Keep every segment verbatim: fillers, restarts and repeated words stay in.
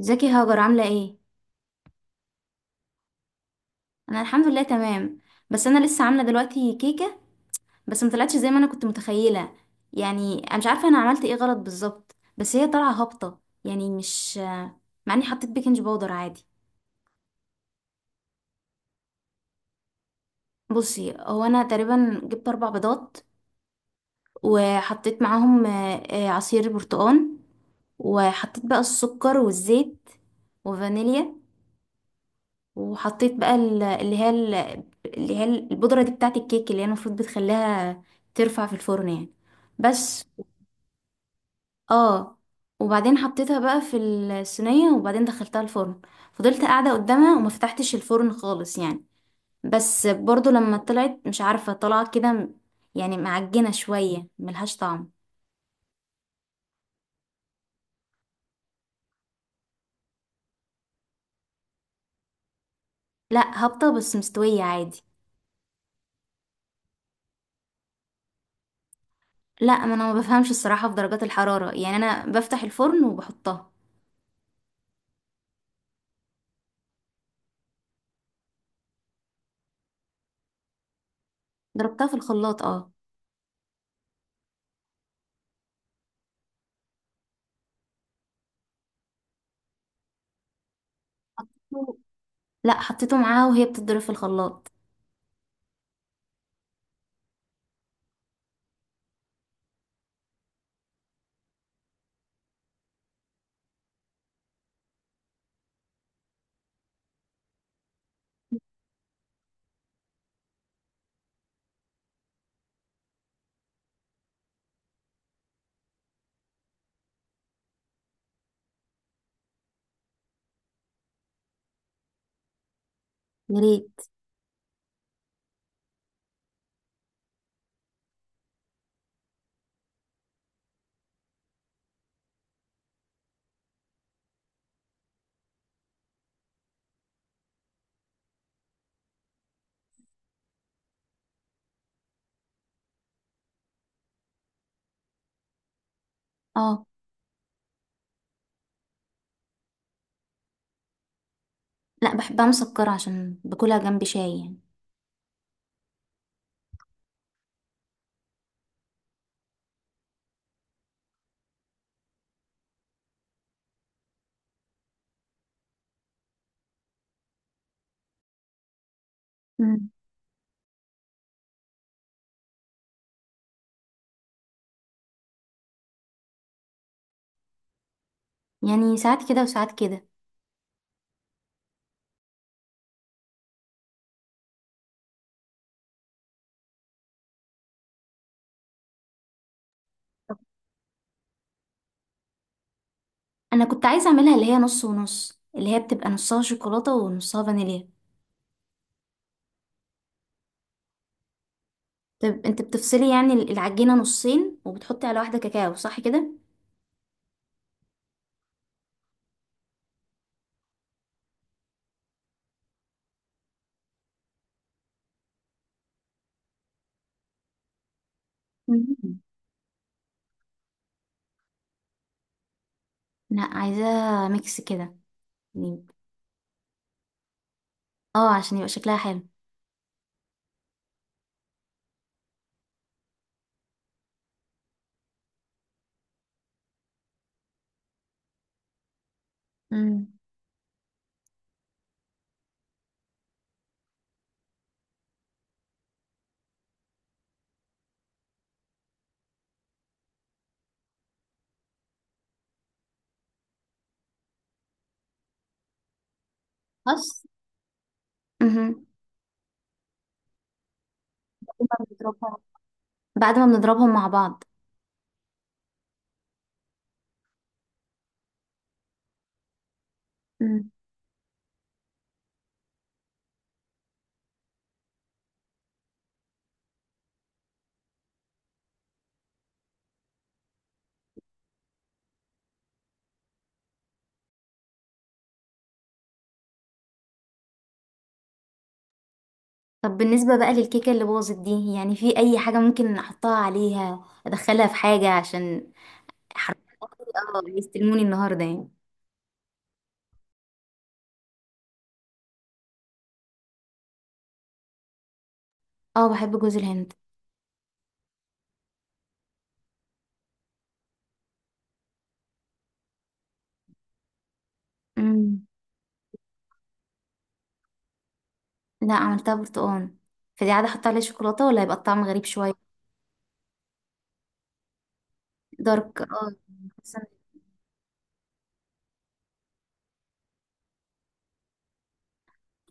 ازيك يا هاجر عامله ايه؟ انا الحمد لله تمام. بس انا لسه عامله دلوقتي كيكه، بس ما طلعتش زي ما انا كنت متخيله. يعني انا مش عارفه انا عملت ايه غلط بالظبط، بس هي طالعه هابطه يعني مش، مع اني حطيت بيكنج باودر عادي. بصي، هو انا تقريبا جبت اربع بيضات وحطيت معاهم آه، آه، عصير برتقال، وحطيت بقى السكر والزيت وفانيليا، وحطيت بقى ال- اللي هي ال- اللي هي البودرة دي بتاعت الكيك، اللي هي المفروض بتخليها ترفع في الفرن يعني. بس اه، وبعدين حطيتها بقى في الصينية، وبعدين دخلتها الفرن. فضلت قاعدة قدامها وما فتحتش الفرن خالص يعني، بس برضو لما طلعت مش عارفة طلعت كده م- يعني معجنة شوية ملهاش طعم. لا هابطة بس مستوية عادي. لا، ما انا ما بفهمش الصراحة في درجات الحرارة، يعني انا بفتح الفرن وبحطها. ضربتها في الخلاط، اه. لا، حطيته معاها وهي بتضرب في الخلاط. يا ريت. اه، لا بحبها مسكرة عشان باكلها جنب شاي يعني. مم. يعني ساعات كده وساعات كده. انا كنت عايزة اعملها اللي هي نص ونص، اللي هي بتبقى نصها شوكولاتة ونصها فانيليا. طب انت بتفصلي يعني العجينة نصين وبتحطي على واحدة كاكاو، صح كده؟ مم. لا، عايزاها ميكس كده يعني. اه عشان يبقى شكلها حلو. مم. بس. مهم. بعد ما بنضربها، بعد ما بنضربهم مع بعض. طب بالنسبة بقى للكيكة اللي باظت دي، يعني في أي حاجة ممكن أحطها عليها، أدخلها في حاجة، عشان حرفيا اه يستلموني النهاردة يعني. اه بحب جوز الهند. امم. لا، عملتها برتقال. فدي عادة أحط عليها شوكولاتة، ولا هيبقى الطعم غريب شوية؟ دارك، اه. حسن.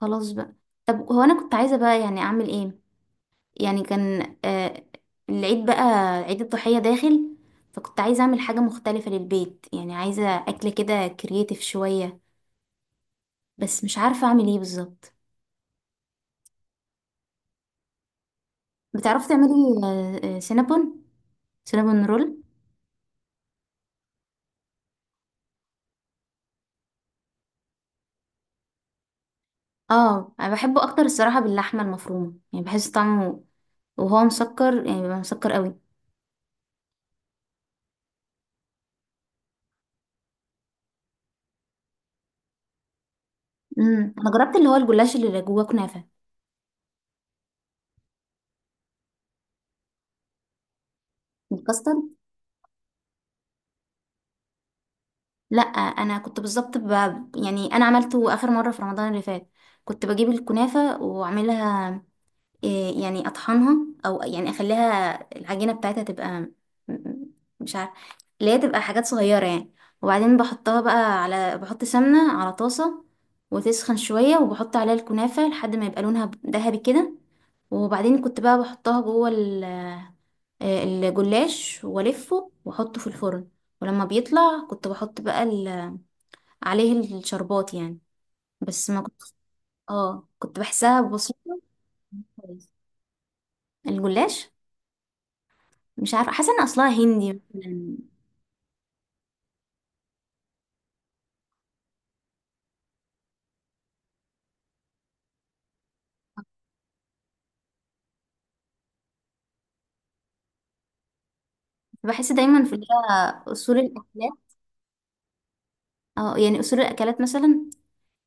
خلاص بقى. طب هو أنا كنت عايزة بقى يعني أعمل إيه؟ يعني كان آه، العيد بقى، عيد الضحية داخل، فكنت عايزة أعمل حاجة مختلفة للبيت. يعني عايزة أكلة كده كرييتيف شوية، بس مش عارفة أعمل إيه بالظبط. بتعرفي تعملي آه، آه، سينابون؟ سينابون رول. اه انا بحبه اكتر الصراحه باللحمه المفرومه، يعني بحس طعمه، وهو مسكر يعني بيبقى مسكر قوي. امم، انا جربت اللي هو الجلاش اللي جواه كنافه. الكاسترد. لا، انا كنت بالظبط ب... يعني انا عملته اخر مره في رمضان اللي فات. كنت بجيب الكنافه واعملها إيه، يعني اطحنها، او يعني اخليها العجينه بتاعتها تبقى م- م- مش عارفه، اللي هي تبقى حاجات صغيره يعني. وبعدين بحطها بقى على، بحط سمنه على طاسه وتسخن شويه، وبحط عليها الكنافه لحد ما يبقى لونها ذهبي كده. وبعدين كنت بقى بحطها جوه ال- آه، الجلاش، والفه واحطه في الفرن. ولما بيطلع كنت بحط بقى ال- عليه الشربات يعني. بس ما كنت، اه كنت بحسها بسيطه. كويس. الجلاش، مش عارفة، حاسة ان اصلها هندي مثلاً. بحس دايما في اللي هي اصول الاكلات. اه يعني اصول الاكلات مثلا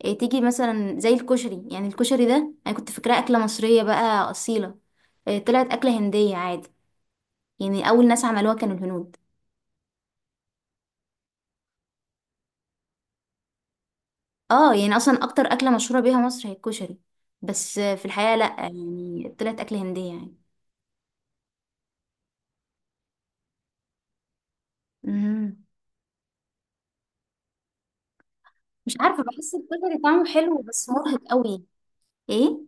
إيه، تيجي مثلا زي الكشري. يعني الكشري ده انا كنت فاكراه اكلة مصرية بقى اصيلة إيه، طلعت اكلة هندية عادي، يعني اول ناس عملوها كانوا الهنود. اه يعني اصلا اكتر اكلة مشهورة بيها مصر هي الكشري، بس آه، في الحقيقة لا يعني طلعت اكلة هندية يعني. مم. مش عارفة، بحس الكشري طعمه حلو بس مرهق قوي. ايه،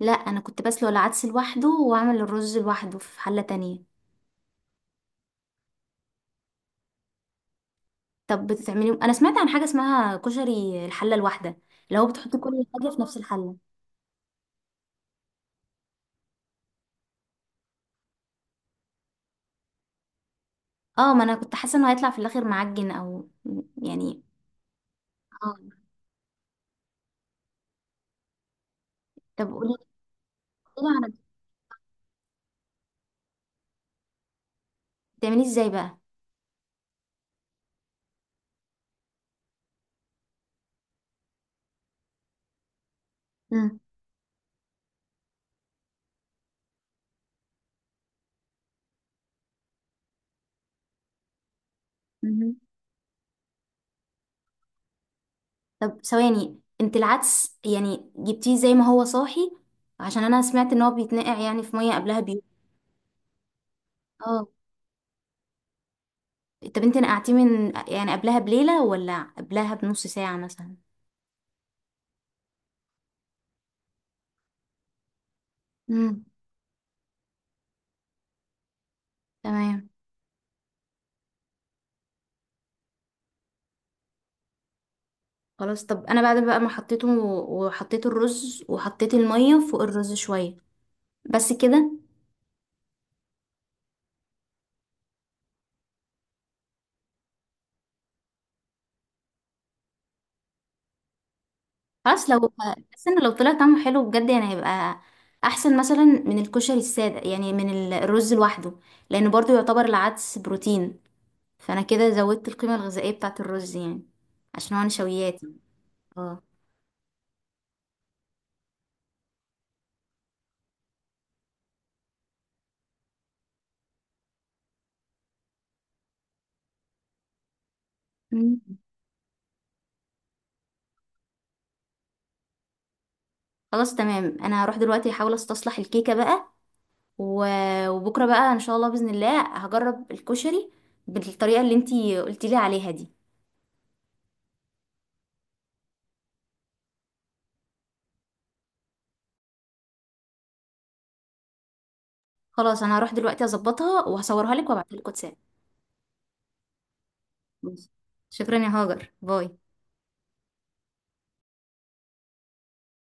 لا انا كنت بسلق العدس لوحده واعمل الرز لوحده في حلة تانية. طب بتتعملي، انا سمعت عن حاجه اسمها كشري الحله الواحده، اللي هو بتحطي كل حاجه في نفس الحله. اه، ما انا كنت حاسه انه هيطلع في الاخر معجن او يعني. اه. طب قولي، قولي على، بتعمليه ازاي بقى؟ مم. مهم. طب ثواني، انت العدس يعني جبتيه زي ما هو صاحي، عشان انا سمعت ان هو بيتنقع يعني في ميه قبلها بيوم. اه. طب انت نقعتيه من يعني قبلها بليله، ولا قبلها بنص ساعه مثلا؟ امم. تمام. خلاص، طب انا بعد بقى ما حطيته وحطيت الرز وحطيت الميه فوق الرز شويه، بس كده. خلاص، لو، بس ان لو طلع طعمه حلو بجد يعني هيبقى احسن مثلا من الكشري الساده، يعني من ال- الرز لوحده، لانه برضو يعتبر العدس بروتين، فانا كده زودت القيمه الغذائيه بتاعه الرز يعني، عشان هو نشويات يعني. اه. مم. خلاص تمام، انا هروح دلوقتي احاول استصلح الكيكه بقى، و- وبكره بقى ان شاء الله باذن الله هجرب الكشري بالطريقه اللي انتي قلتي لي عليها دي. خلاص، انا هروح دلوقتي اظبطها وهصورها لك وابعتها لك واتساب. ماشي. شكرا يا هاجر، باي.